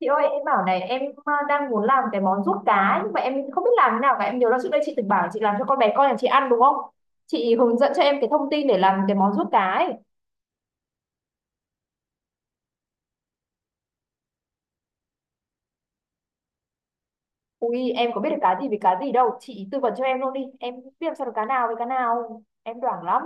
Chị ơi, em bảo này, em đang muốn làm cái món ruốc cá, nhưng mà em không biết làm thế nào cả. Em nhớ là trước đây chị từng bảo chị làm cho con bé con nhà chị ăn, đúng không? Chị hướng dẫn cho em cái thông tin để làm cái món ruốc cá ấy. Ui, em có biết được cá gì với cá gì đâu, chị tư vấn cho em luôn đi, em biết làm sao được cá nào với cá nào, em đoảng lắm.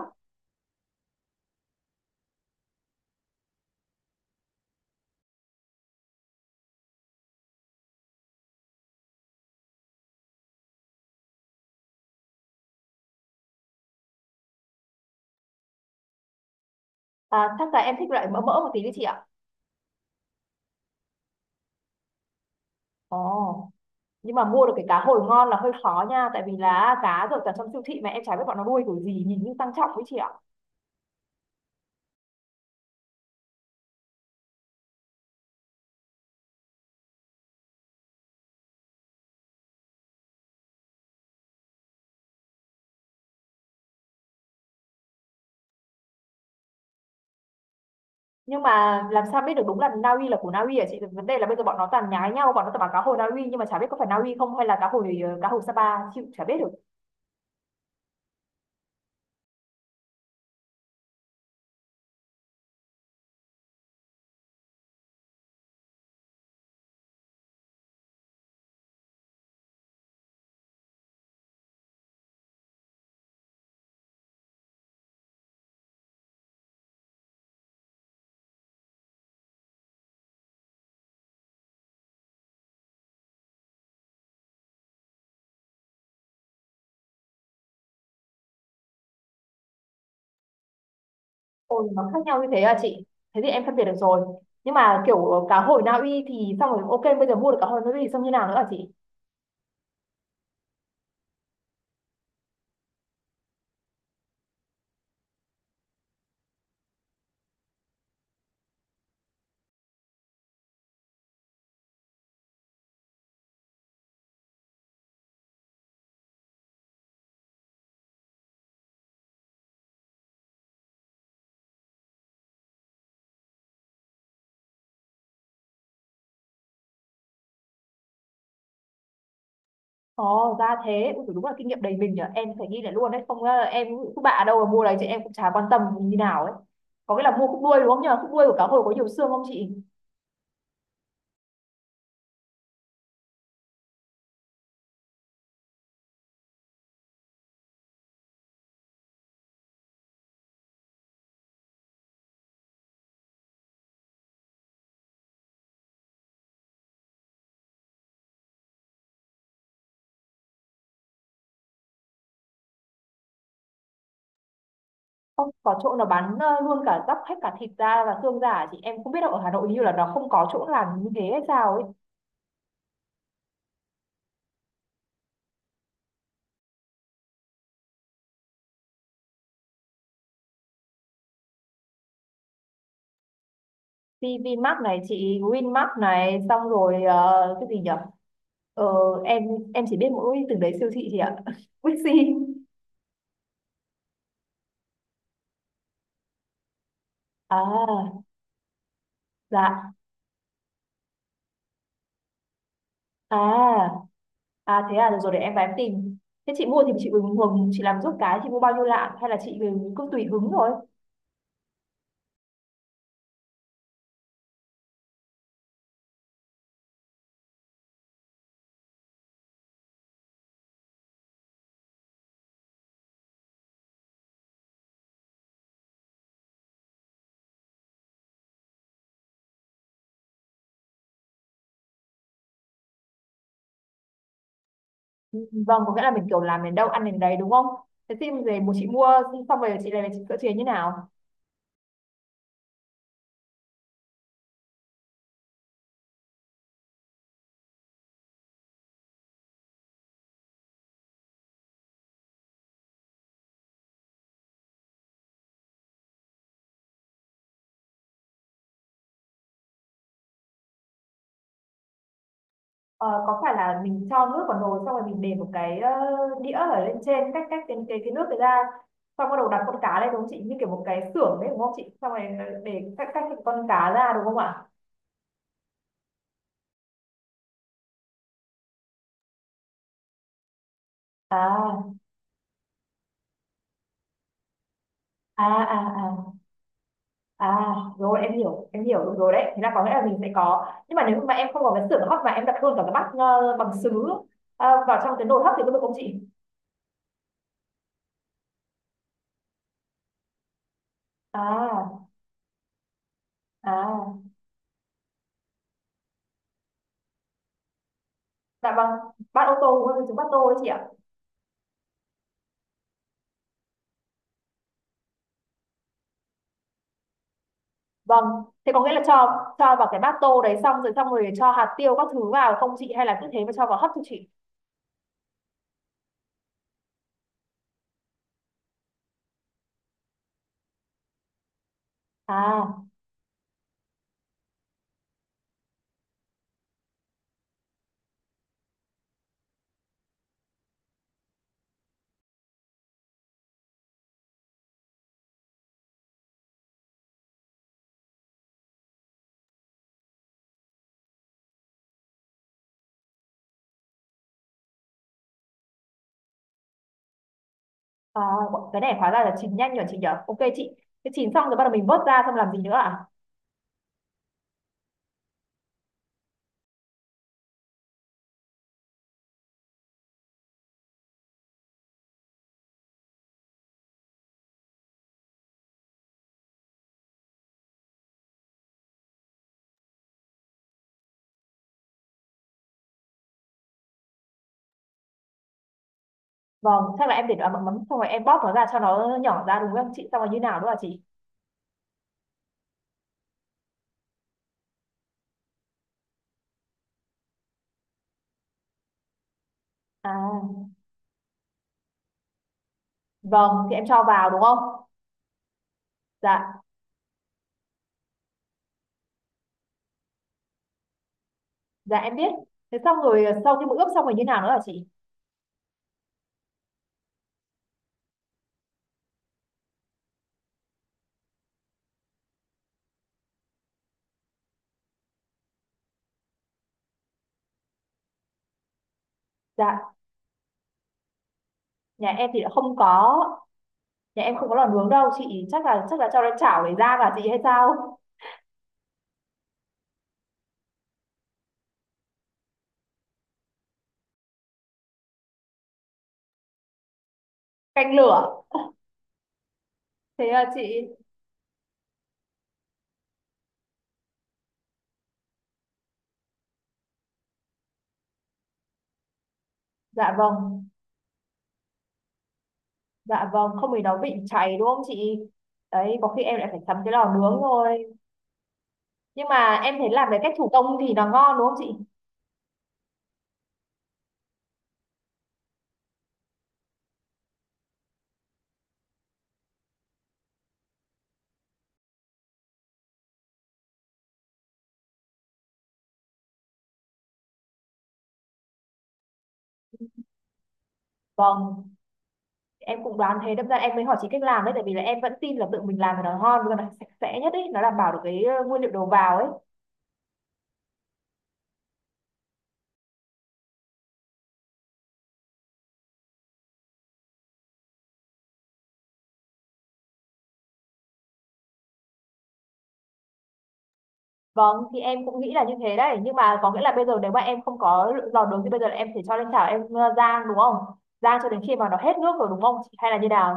À, chắc là em thích loại mỡ mỡ một tí đi chị ạ. Ồ. Nhưng mà mua được cái cá hồi ngon là hơi khó nha, tại vì là cá rồi cả trong siêu thị mà em chả biết bọn nó nuôi kiểu gì, nhìn như tăng trọng ấy chị ạ. Nhưng mà làm sao biết được đúng là Na Uy, là của Na Uy hả chị? Vấn đề là bây giờ bọn nó toàn nhái nhau, bọn nó toàn bảo cá hồi Na Uy, nhưng mà chả biết có phải Na Uy không, hay là cá hồi cá hồi Sapa. Chịu, chả biết được. Ôi, nó khác nhau như thế à chị? Thế thì em phân biệt được rồi. Nhưng mà kiểu cá hồi Na Uy thì xong rồi, ok, bây giờ mua được cá hồi Na Uy thì xong như nào nữa hả chị? Ồ ra thế. Ui, đúng là kinh nghiệm đầy mình nhở, em phải ghi lại luôn đấy, không em cứ bạ đâu mà mua đấy chị, em cũng chả quan tâm như nào ấy. Có nghĩa là mua khúc đuôi đúng không nhờ, khúc đuôi của cá hồi có nhiều xương không chị? Không có chỗ nào bán luôn cả dóc hết cả thịt da và xương giả chị, em không biết đâu, ở Hà Nội hình như là nó không có chỗ làm như thế hay sao ấy. PVmart này chị, Winmart này, xong rồi cái gì nhỉ, ờ, em chỉ biết mỗi từng đấy siêu thị chị ạ. Bixi. À, dạ. À, à, thế à, được rồi, để em em tìm. Thế chị mua thì chị hứng hứng chị làm giúp cái, chị mua bao nhiêu lạng hay là chị ừ, cứ tùy hứng thôi? Ừ, ừ. Vâng, có nghĩa là mình kiểu làm đến đâu ăn đến đấy đúng không? Thế thì về một chị mua xong rồi chị lại về chị sửa chế như nào? Ờ, có phải là mình cho nước vào nồi xong rồi mình để một cái đĩa ở lên trên, cách cách cái nước đấy ra, xong bắt đầu đặt con cá lên đúng không chị, như kiểu một cái xưởng đấy đúng không chị, xong rồi để cách cách cái con cá ra đúng không ạ? À, à, à, à, à, rồi em hiểu, em hiểu được rồi đấy. Thế là có nghĩa là mình sẽ có, nhưng mà nếu mà em không có cái xưởng hấp mà em đặt luôn cả cái bát bằng sứ vào trong cái nồi hấp thì có được không chị? À, à, dạ vâng, bát ô tô đúng không chứ bát tô đấy chị ạ. Vâng, thế có nghĩa là cho vào cái bát tô đấy xong rồi, cho hạt tiêu các thứ vào không chị, hay là cứ thế mà cho vào hấp cho chị? À, à, cái này hóa ra là chín nhanh nhỉ chị nhở. Ok chị, cái chín xong rồi bắt đầu mình vớt ra xong làm gì nữa à? Vâng, chắc là em để nó mắm mắm xong rồi em bóp nó ra cho nó nhỏ ra đúng không chị? Xong rồi như nào nữa à chị? À, vâng, thì em cho vào đúng không? Dạ, dạ em biết. Thế xong rồi sau khi mà ướp xong rồi như nào nữa à chị? Dạ, nhà em thì đã không có, nhà em không có lò nướng đâu chị, chắc là cho nó chảo để ra và chị hay sao? Canh lửa. Thế là chị, dạ vâng, dạ vâng, không thì nó bị cháy đúng không chị, đấy có khi em lại phải sắm cái lò nướng thôi. Nhưng mà em thấy làm cái cách thủ công thì nó ngon đúng không chị? Vâng, em cũng đoán thế, đâm ra em mới hỏi chị cách làm đấy, tại vì là em vẫn tin là tự mình làm thì nó ngon và nó sạch sẽ nhất ấy, nó đảm bảo được cái nguyên liệu đầu vào ấy. Vâng, thì em cũng nghĩ là như thế đấy. Nhưng mà có nghĩa là bây giờ nếu mà em không có lò nướng thì bây giờ là em phải cho lên chảo em rang đúng không, rang cho đến khi mà nó hết nước rồi đúng không chị, hay là như nào?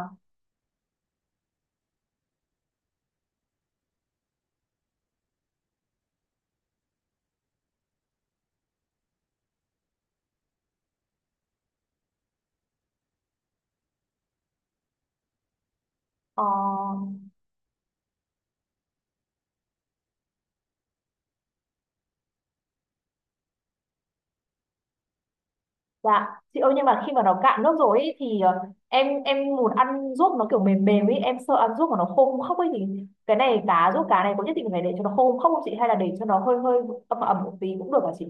Ờ. Dạ, chị ơi, nhưng mà khi mà nó cạn nước rồi ấy thì em muốn ăn ruốc nó kiểu mềm mềm ấy, em sợ ăn ruốc mà nó khô không khóc ấy thì cái này cá ruốc cá này có nhất định phải để cho nó khô không khóc không chị, hay là để cho nó hơi hơi ẩm ẩm một tí cũng được hả chị?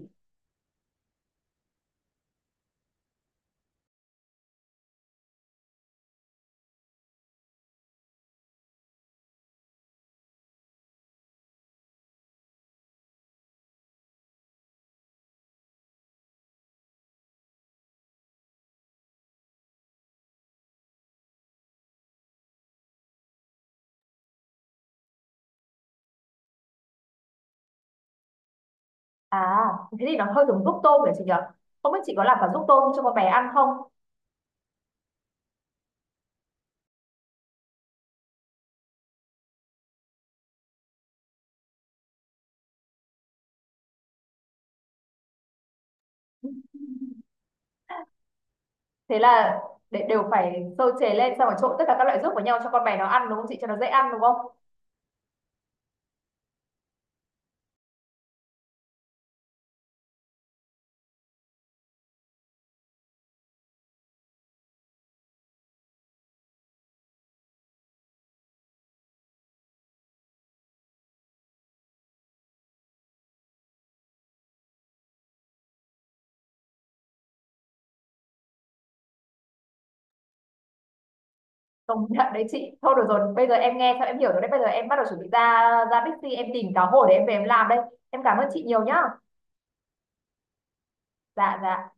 À, thế thì nó hơi giống ruốc tôm đấy chị nhỉ? Không biết chị có làm cả ruốc tôm cho con bé ăn không? Thế là để đều phải sơ chế lên xong rồi trộn tất cả các loại ruốc vào nhau cho con bé nó ăn đúng không chị? Cho nó dễ ăn đúng không? Công nhận đấy chị, thôi được rồi, bây giờ em nghe xong em hiểu rồi đấy, bây giờ em bắt đầu chuẩn bị ra ra Bixi em tìm cá hồi để em về em làm đây. Em cảm ơn chị nhiều nhá. Dạ, dạ.